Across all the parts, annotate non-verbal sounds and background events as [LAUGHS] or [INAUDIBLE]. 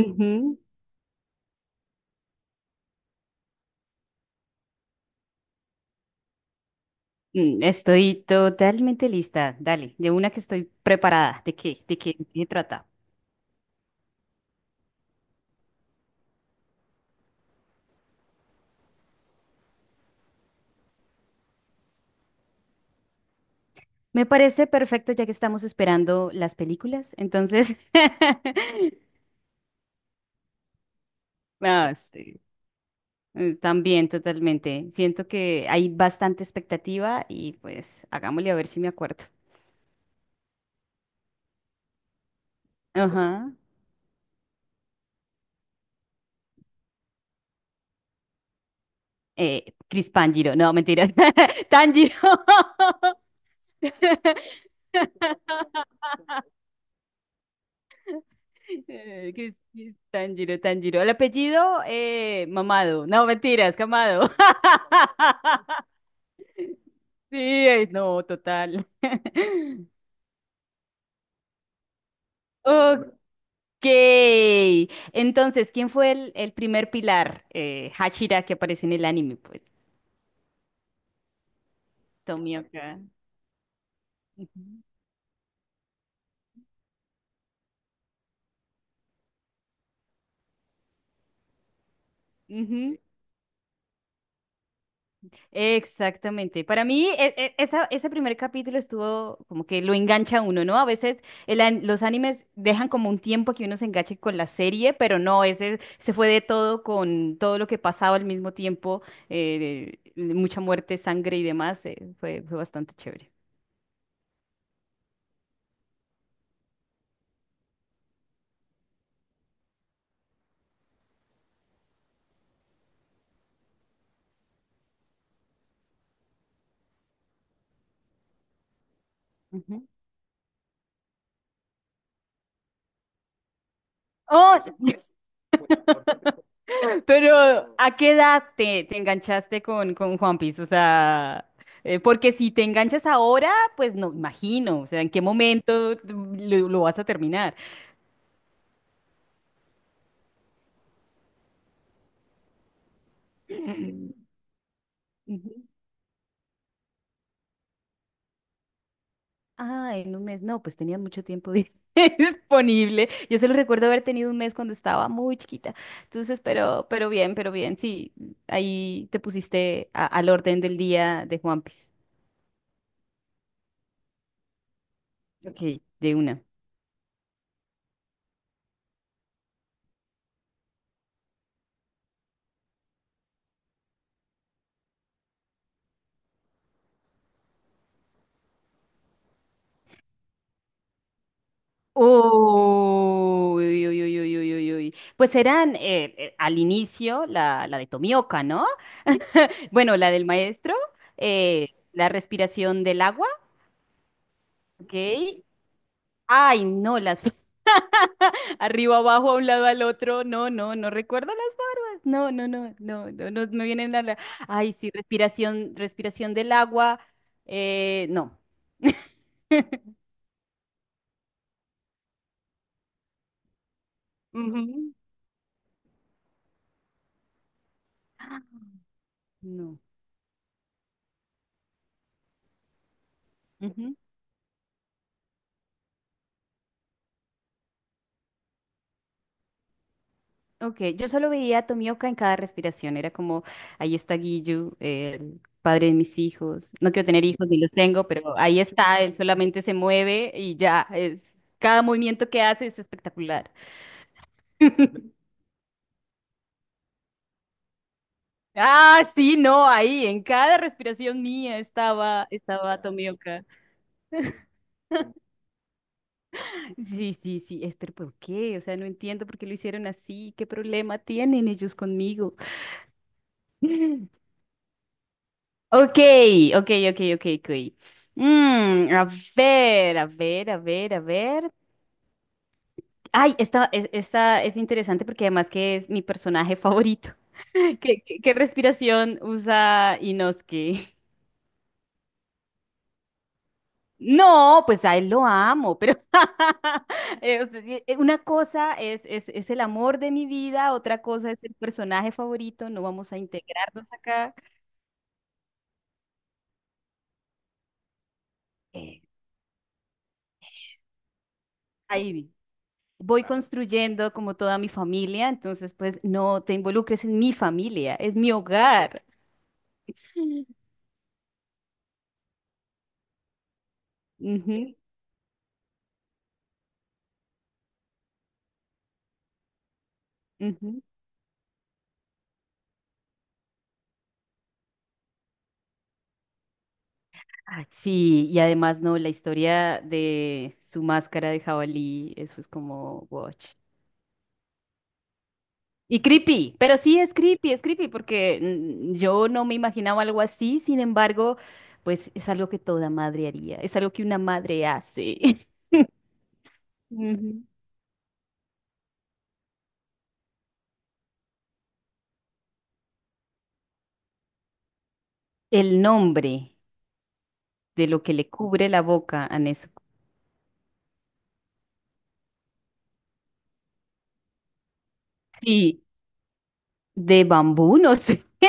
Ujú. Estoy totalmente lista. Dale, de una que estoy preparada. ¿De qué? ¿De qué trata? Me parece perfecto ya que estamos esperando las películas. Entonces, [LAUGHS] ah, sí. También, totalmente. Siento que hay bastante expectativa y pues hagámosle a ver si me acuerdo. Ajá. Chris Pangiro. No, mentiras. [LAUGHS] Tanjiro. [LAUGHS] Tanjiro, Tanjiro. El apellido, Mamado. No, mentiras, Camado. [LAUGHS] Sí, ay, no, total. [LAUGHS] Ok. Entonces, ¿quién fue el primer pilar? Hashira que aparece en el anime, pues. Tomioka. Ujú. Ujú. Exactamente. Para mí, ese primer capítulo estuvo como que lo engancha a uno, ¿no? A veces los animes dejan como un tiempo que uno se enganche con la serie, pero no, ese se fue de todo con todo lo que pasaba al mismo tiempo, de mucha muerte, sangre y demás, fue bastante chévere. Ujú. Oh, [LAUGHS] [LAUGHS] Bueno, pero, ¿a qué edad te enganchaste con One Piece? O sea, porque si te enganchas ahora, pues no, imagino, o sea, ¿en qué momento lo vas a terminar? [CLEARS THROAT] Ujú. Ah, en un mes, no, pues tenía mucho tiempo [LAUGHS] disponible. Yo solo recuerdo haber tenido un mes cuando estaba muy chiquita. Entonces, pero bien, pero bien, sí, ahí te pusiste al orden del día de One Piece. Ok, de una. Uy, uy, uy, uy, uy, uy, uy. Pues eran al inicio la de Tomioka, ¿no? Bueno, la del maestro, la respiración del agua, ¿ok? Ay, no, las [LAUGHS] arriba, abajo, a un lado, al otro. No, no, no recuerdo las. No, no, no, no, no, no me vienen Ay, sí, respiración, respiración del agua. No. [LAUGHS] Ujú, no. Ok, yo solo veía a Tomioka en cada respiración. Era como, ahí está Giyu, el padre de mis hijos. No quiero tener hijos ni los tengo, pero ahí está, él solamente se mueve y ya. Cada movimiento que hace es espectacular. [LAUGHS] Ah, sí, no, ahí, en cada respiración mía estaba Tomioka. Sí, sí, sí, pero ¿por qué? O sea, no entiendo por qué lo hicieron así. ¿Qué problema tienen ellos conmigo? [LAUGHS] Ok, ok, ok, ok, ok. A ver, a ver, a ver, a ver. Ay, esta es interesante porque además que es mi personaje favorito. [LAUGHS] ¿Qué respiración usa Inosuke? [LAUGHS] No, pues a él lo amo, pero [LAUGHS] o sea, una cosa es el amor de mi vida, otra cosa es el personaje favorito, no vamos a integrarnos acá. Eh, Ahí voy, claro, construyendo como toda mi familia, entonces pues no te involucres en mi familia, es mi hogar. Ujú, ujú. Ah, sí, y además no, la historia de su máscara de jabalí, eso es como watch. Y creepy, pero sí es creepy porque yo no me imaginaba algo así, sin embargo, pues es algo que toda madre haría, es algo que una madre hace. [LAUGHS] Ujú. El nombre de lo que le cubre la boca a Nezuko. De bambú, no sé. [LAUGHS]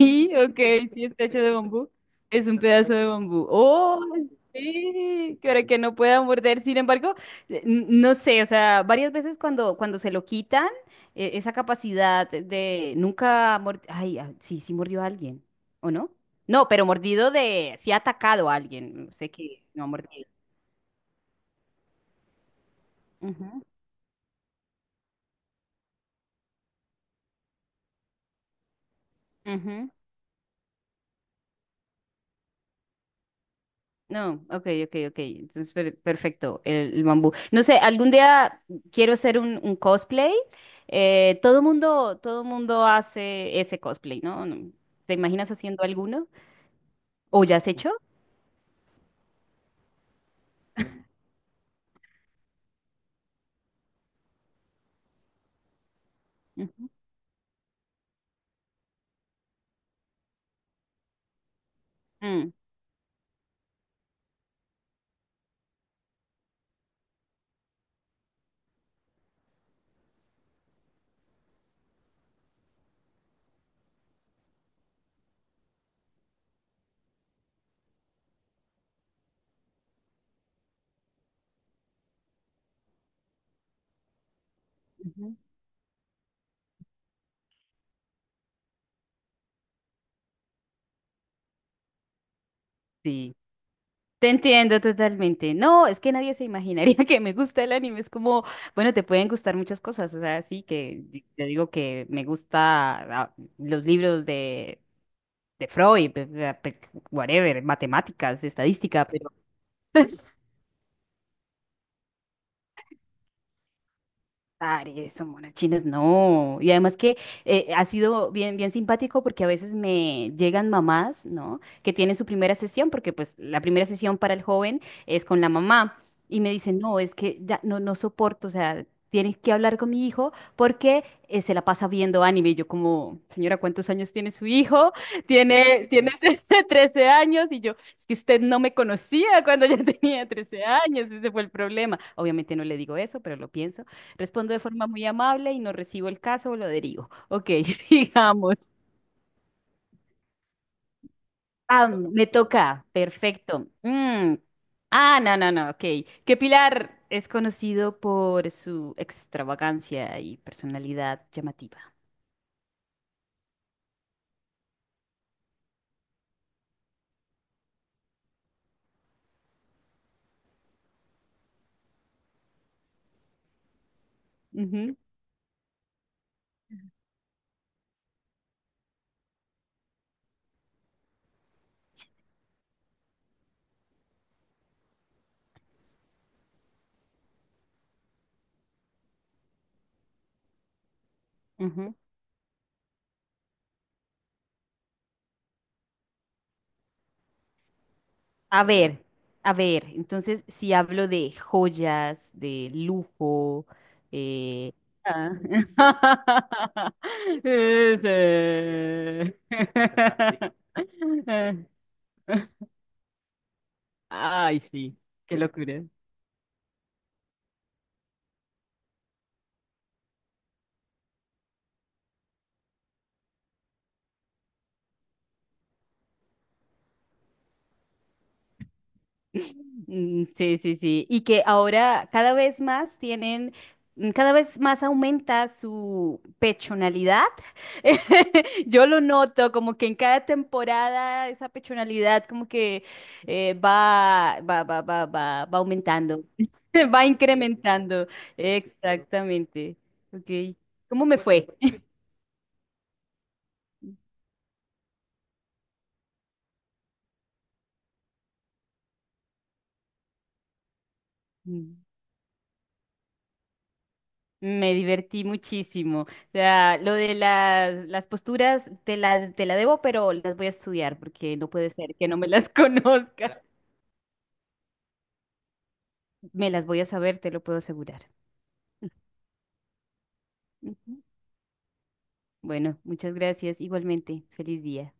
Sí, ok, sí está hecho de bambú. Es un pedazo de bambú. ¡Oh! Sí, que ahora que no pueda morder. Sin embargo, no sé, o sea, varias veces cuando, se lo quitan, esa capacidad de nunca. Ay, ah, sí, sí mordió a alguien, ¿o no? No, pero sí ha atacado a alguien, sé que no ha mordido. Ujú, ujú. No, ok, ok, ok. Entonces, perfecto, el bambú. No sé, algún día quiero hacer un cosplay. Todo mundo, todo mundo hace ese cosplay, ¿no? ¿Te imaginas haciendo alguno? ¿O ya has hecho? Ujú. Mm, ujú. Sí. Te entiendo totalmente. No, es que nadie se imaginaría [LAUGHS] que me gusta el anime. Es como, bueno, te pueden gustar muchas cosas. O sea, sí que yo digo que me gusta los libros de Freud, whatever, matemáticas, estadística, pero [LAUGHS] Aries, son monas chinas, no. Y además que ha sido bien, bien simpático porque a veces me llegan mamás, ¿no? Que tienen su primera sesión, porque pues la primera sesión para el joven es con la mamá. Y me dicen, no, es que ya no, no soporto, o sea, tienes que hablar con mi hijo porque se la pasa viendo anime. Y yo como, señora, ¿cuántos años tiene su hijo? Tiene [LAUGHS] 13 años. Y yo, es que usted no me conocía cuando yo [LAUGHS] tenía 13 años, ese fue el problema. Obviamente no le digo eso, pero lo pienso. Respondo de forma muy amable y no recibo el caso o lo derivo. Ok, [LAUGHS] sigamos. Ah, me toca. Perfecto. Mm. Ah, no, no, no, ok. ¿Que pilar es conocido por su extravagancia y personalidad llamativa? Ujú, ujú. A ver, a ver, entonces si hablo de joyas, de lujo, eh, ah. [LAUGHS] Ese. [LAUGHS] Ay, sí, qué locura. Mm, sí, sí, sí. Y que ahora cada vez más tienen, cada vez más aumenta su pechonalidad. [LAUGHS] Yo lo noto, como que en cada temporada esa pechonalidad como que va aumentando, [LAUGHS] va incrementando. Exactamente. Ok. ¿Cómo me fue? [LAUGHS] Me divertí muchísimo. O sea, lo de las posturas te la debo, pero las voy a estudiar porque no puede ser que no me las [LAUGHS] conozca. Me las voy a saber, te lo puedo asegurar. Ujú. Bueno, muchas gracias. Igualmente, feliz día.